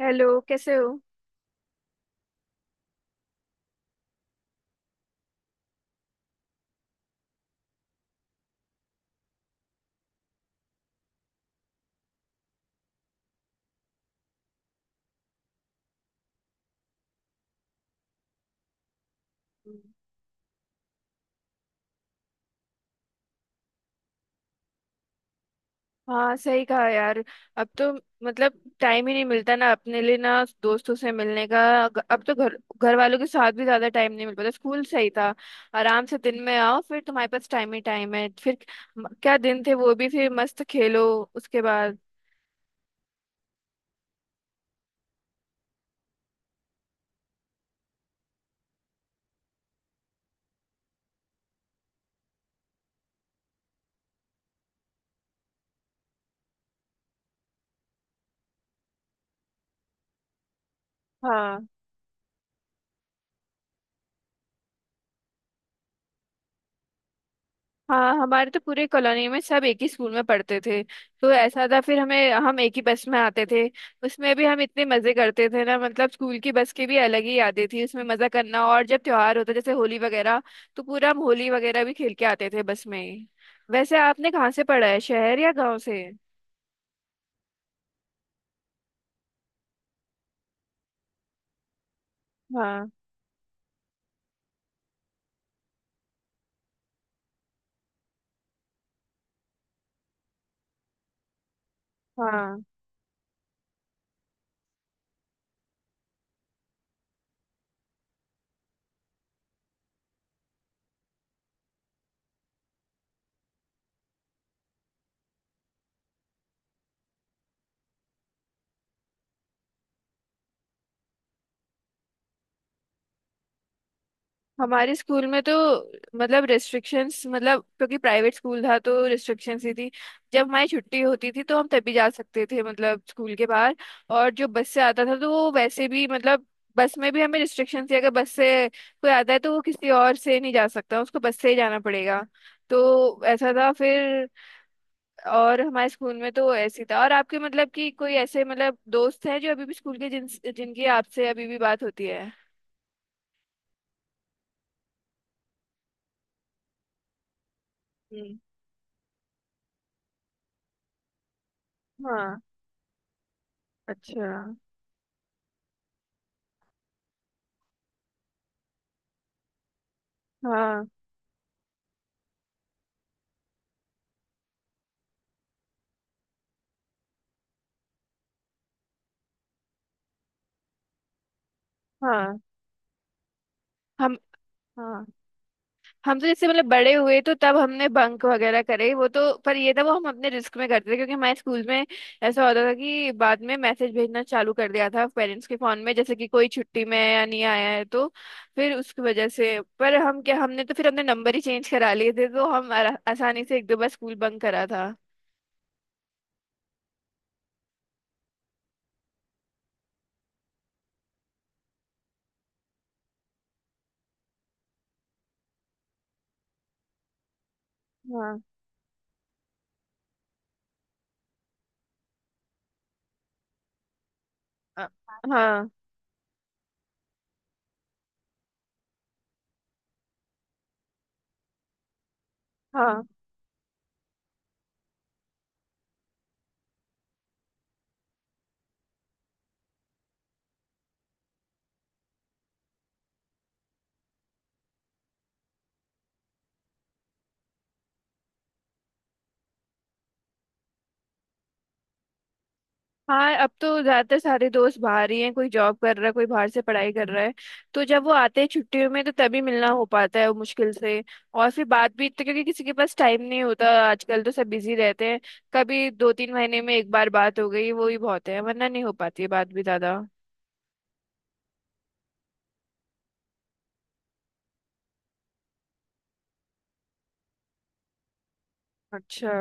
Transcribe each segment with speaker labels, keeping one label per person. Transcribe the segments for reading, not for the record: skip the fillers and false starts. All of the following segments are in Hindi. Speaker 1: हेलो, कैसे हो? हाँ, सही कहा यार। अब तो मतलब टाइम ही नहीं मिलता ना, अपने लिए, ना दोस्तों से मिलने का। अब तो घर घर वालों के साथ भी ज्यादा टाइम नहीं मिल पाता। स्कूल सही था, आराम से दिन में आओ फिर, तुम्हारे पास टाइम ही टाइम है। फिर क्या दिन थे वो भी, फिर मस्त खेलो उसके बाद। हाँ। हाँ, हमारे तो पूरे कॉलोनी में सब एक ही स्कूल में पढ़ते थे। तो ऐसा था फिर, हमें हम एक ही बस में आते थे। उसमें भी हम इतने मजे करते थे ना, मतलब स्कूल की बस की भी अलग ही यादें थी, उसमें मजा करना। और जब त्योहार होता जैसे होली वगैरह, तो पूरा हम होली वगैरह भी खेल के आते थे बस में ही। वैसे आपने कहाँ से पढ़ा है, शहर या गांव से? हाँ। हाँ, हमारे स्कूल में तो मतलब रिस्ट्रिक्शंस, मतलब क्योंकि प्राइवेट स्कूल था तो रिस्ट्रिक्शंस ही थी। जब हमारी छुट्टी होती थी तो हम तभी जा सकते थे, मतलब स्कूल के बाहर। और जो बस से आता था तो वो वैसे भी, मतलब बस में भी हमें रिस्ट्रिक्शन थी। अगर बस से कोई आता है तो वो किसी और से नहीं जा सकता, उसको बस से ही जाना पड़ेगा। तो ऐसा था फिर। और हमारे स्कूल में तो ऐसी था। और आपके मतलब कि कोई ऐसे मतलब दोस्त हैं जो अभी भी स्कूल के जिनकी आपसे अभी भी बात होती है? हम्म। हाँ। अच्छा। हाँ। हाँ। हम। हाँ। हम तो जैसे मतलब बड़े हुए तो तब हमने बंक वगैरह करे वो तो। पर ये था, वो हम अपने रिस्क में करते थे, क्योंकि हमारे स्कूल में ऐसा होता था कि बाद में मैसेज भेजना चालू कर दिया था पेरेंट्स के फोन में, जैसे कि कोई छुट्टी में है या नहीं आया है तो। फिर उसकी वजह से, पर हम क्या, हमने तो फिर अपने नंबर ही चेंज करा लिए थे, तो हम आसानी से एक दो बार स्कूल बंक करा था। हाँ। अ- हाँ हाँ। हाँ, अब तो ज्यादातर सारे दोस्त बाहर ही हैं, कोई जॉब कर रहा है, कोई बाहर से पढ़ाई कर रहा है। तो जब वो आते हैं छुट्टियों में तो तभी मिलना हो पाता है, वो मुश्किल से। और फिर बात भी तो, क्योंकि किसी के पास टाइम नहीं होता आजकल, तो सब बिजी रहते हैं। कभी दो तीन महीने में एक बार बात हो गई वो ही बहुत है, वरना नहीं हो पाती है बात भी ज्यादा। अच्छा।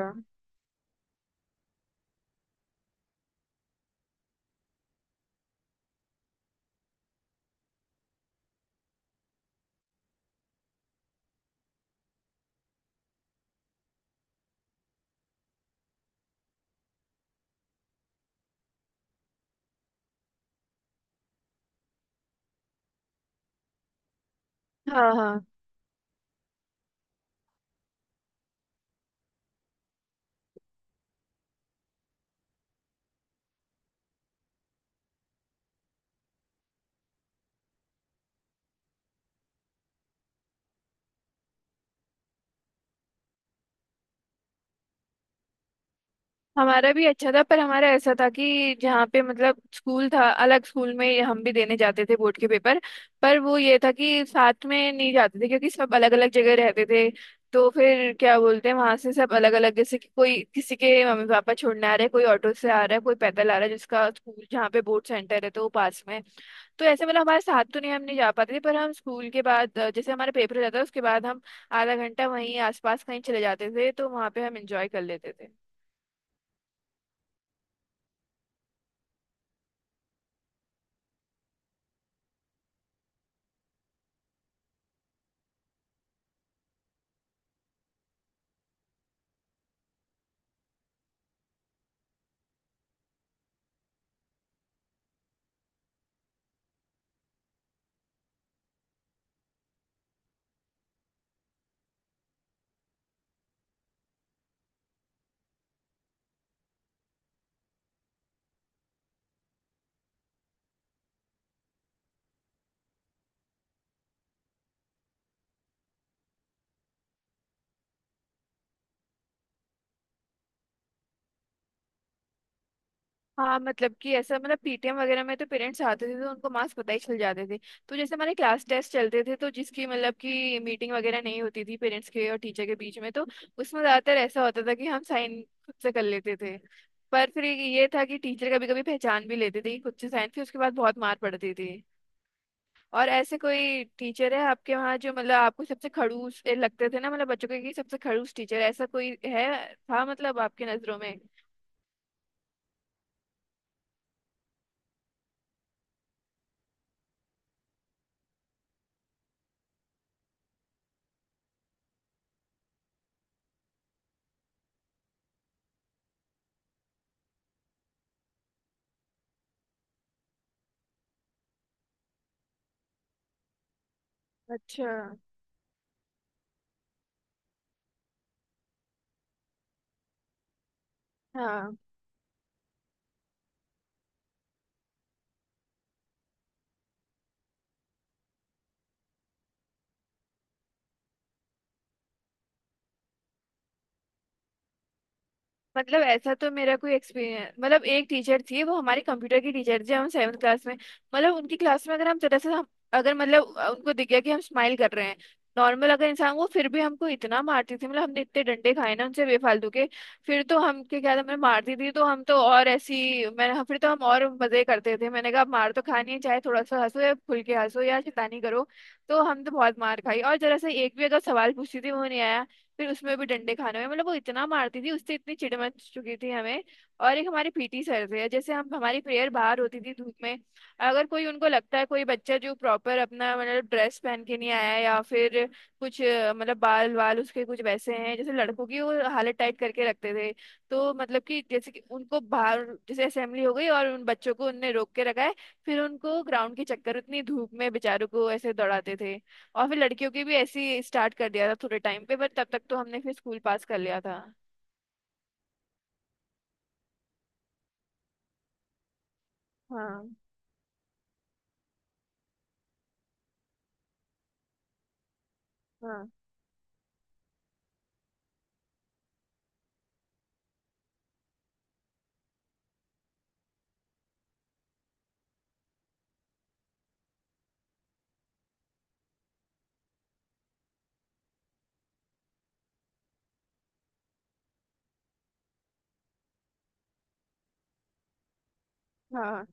Speaker 1: हाँ। हाँ, हमारा भी अच्छा था। पर हमारा ऐसा था कि जहाँ पे मतलब स्कूल था, अलग स्कूल में हम भी देने जाते थे बोर्ड के पेपर। पर वो ये था कि साथ में नहीं जाते थे, क्योंकि सब अलग अलग जगह रहते थे। तो फिर क्या बोलते हैं, वहां से सब अलग अलग, जैसे कि कोई किसी के मम्मी पापा छोड़ने आ रहे हैं, कोई ऑटो से आ रहा है, कोई पैदल आ रहा है, जिसका स्कूल जहाँ पे बोर्ड सेंटर है तो वो पास में है। तो ऐसे मतलब हमारे साथ तो नहीं, हम नहीं जा पाते थे। पर हम स्कूल के बाद जैसे हमारा पेपर हो जाता था उसके बाद हम आधा घंटा वहीं आसपास कहीं चले जाते थे, तो वहाँ पे हम इंजॉय कर लेते थे। हाँ, मतलब कि ऐसा, मतलब पीटीएम वगैरह में तो पेरेंट्स आते थे, तो उनको मार्क्स पता ही चल जाते थे। तो जैसे हमारे क्लास टेस्ट चलते थे तो जिसकी मतलब कि मीटिंग वगैरह नहीं होती थी पेरेंट्स के और टीचर के बीच में, तो उसमें ज्यादातर ऐसा होता था कि हम साइन खुद से कर लेते थे। पर फिर ये था कि टीचर कभी कभी पहचान भी लेते थे कि खुद से साइन, फिर उसके बाद बहुत मार पड़ती थी। और ऐसे कोई टीचर है आपके वहाँ जो मतलब आपको सबसे खड़ूस लगते थे ना, मतलब बच्चों के, कि सबसे खड़ूस टीचर ऐसा कोई है था मतलब आपकी नजरों में? अच्छा। हाँ, मतलब ऐसा तो मेरा कोई एक्सपीरियंस, मतलब एक टीचर थी वो हमारी कंप्यूटर की टीचर थी, हम सेवन्थ क्लास में। मतलब उनकी क्लास में अगर हम जरा सा अगर मतलब उनको दिख गया कि हम स्माइल कर रहे हैं नॉर्मल अगर इंसान वो, फिर भी हमको इतना मारती थी, मतलब हमने इतने डंडे खाए ना उनसे बेफालतू के। फिर तो हम के क्या था, मैं मारती थी तो हम तो और ऐसी मैं, हाँ, फिर तो हम और मजे करते थे। मैंने कहा, "आप मार तो खानी है, चाहे थोड़ा सा हंसो या खुल के हंसो या शैतानी करो।" तो हम तो बहुत मार खाई। और जरा सा एक भी अगर सवाल पूछती थी वो नहीं आया, फिर उसमें भी डंडे खाने में, मतलब वो इतना मारती थी, उससे इतनी चिढ़ मच चुकी थी हमें। और एक हमारे पीटी सर थे, जैसे हम हमारी प्रेयर बाहर होती थी धूप में। अगर कोई उनको लगता है कोई बच्चा जो प्रॉपर अपना मतलब ड्रेस पहन के नहीं आया है, या फिर कुछ मतलब बाल वाल उसके कुछ वैसे हैं जैसे लड़कों की, वो हालत टाइट करके रखते थे। तो मतलब कि जैसे कि उनको बाहर जैसे असेंबली हो गई और उन बच्चों को उनने रोक के रखा है, फिर उनको ग्राउंड के चक्कर उतनी धूप में बेचारों को ऐसे दौड़ाते थे। और फिर लड़कियों की भी ऐसे ही स्टार्ट कर दिया था थोड़े टाइम पे, बट तब तक तो हमने फिर स्कूल पास कर लिया था। हाँ। हाँ, हाँ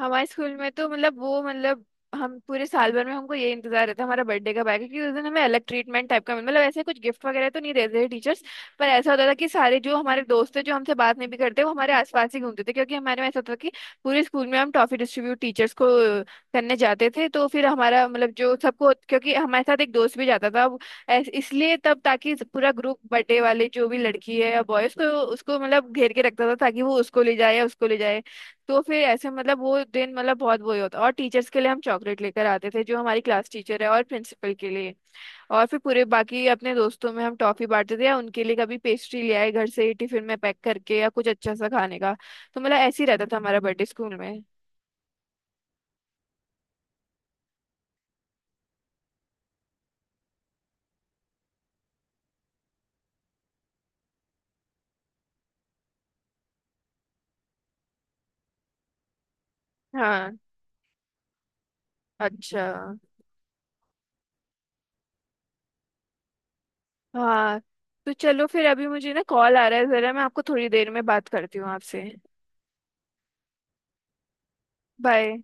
Speaker 1: हमारे स्कूल में तो मतलब वो, मतलब हम पूरे साल भर में हमको ये इंतजार रहता है हमारा बर्थडे कब आएगा, क्योंकि उस दिन हमें अलग ट्रीटमेंट टाइप का मतलब ऐसे कुछ गिफ्ट वगैरह तो नहीं देते थे टीचर्स। पर ऐसा होता था कि सारे जो हमारे दोस्त थे, जो हमसे बात नहीं भी करते वो हमारे आसपास ही घूमते थे, क्योंकि हमारे में ऐसा होता था कि पूरे स्कूल में हम टॉफी डिस्ट्रीब्यूट टीचर्स को करने जाते थे। तो फिर हमारा मतलब जो सबको, क्योंकि हमारे साथ एक दोस्त भी जाता था अब, इसलिए तब ताकि पूरा ग्रुप बर्थडे वाले जो भी लड़की है या बॉय उसको, उसको मतलब घेर के रखता था, ताकि वो उसको ले जाए या उसको ले जाए। तो फिर ऐसे मतलब वो दिन मतलब बहुत वो ही होता। और टीचर्स के लिए हम चॉकलेट लेकर आते थे, जो हमारी क्लास टीचर है और प्रिंसिपल के लिए। और फिर पूरे बाकी अपने दोस्तों में हम टॉफी बांटते थे, या उनके लिए कभी पेस्ट्री ले आए घर से ही टिफिन में पैक करके, या कुछ अच्छा सा खाने का। तो मतलब ऐसे ही रहता था हमारा बर्थडे स्कूल में। हाँ। अच्छा। हाँ, तो चलो फिर, अभी मुझे ना कॉल आ रहा है, जरा मैं आपको थोड़ी देर में बात करती हूँ आपसे। बाय।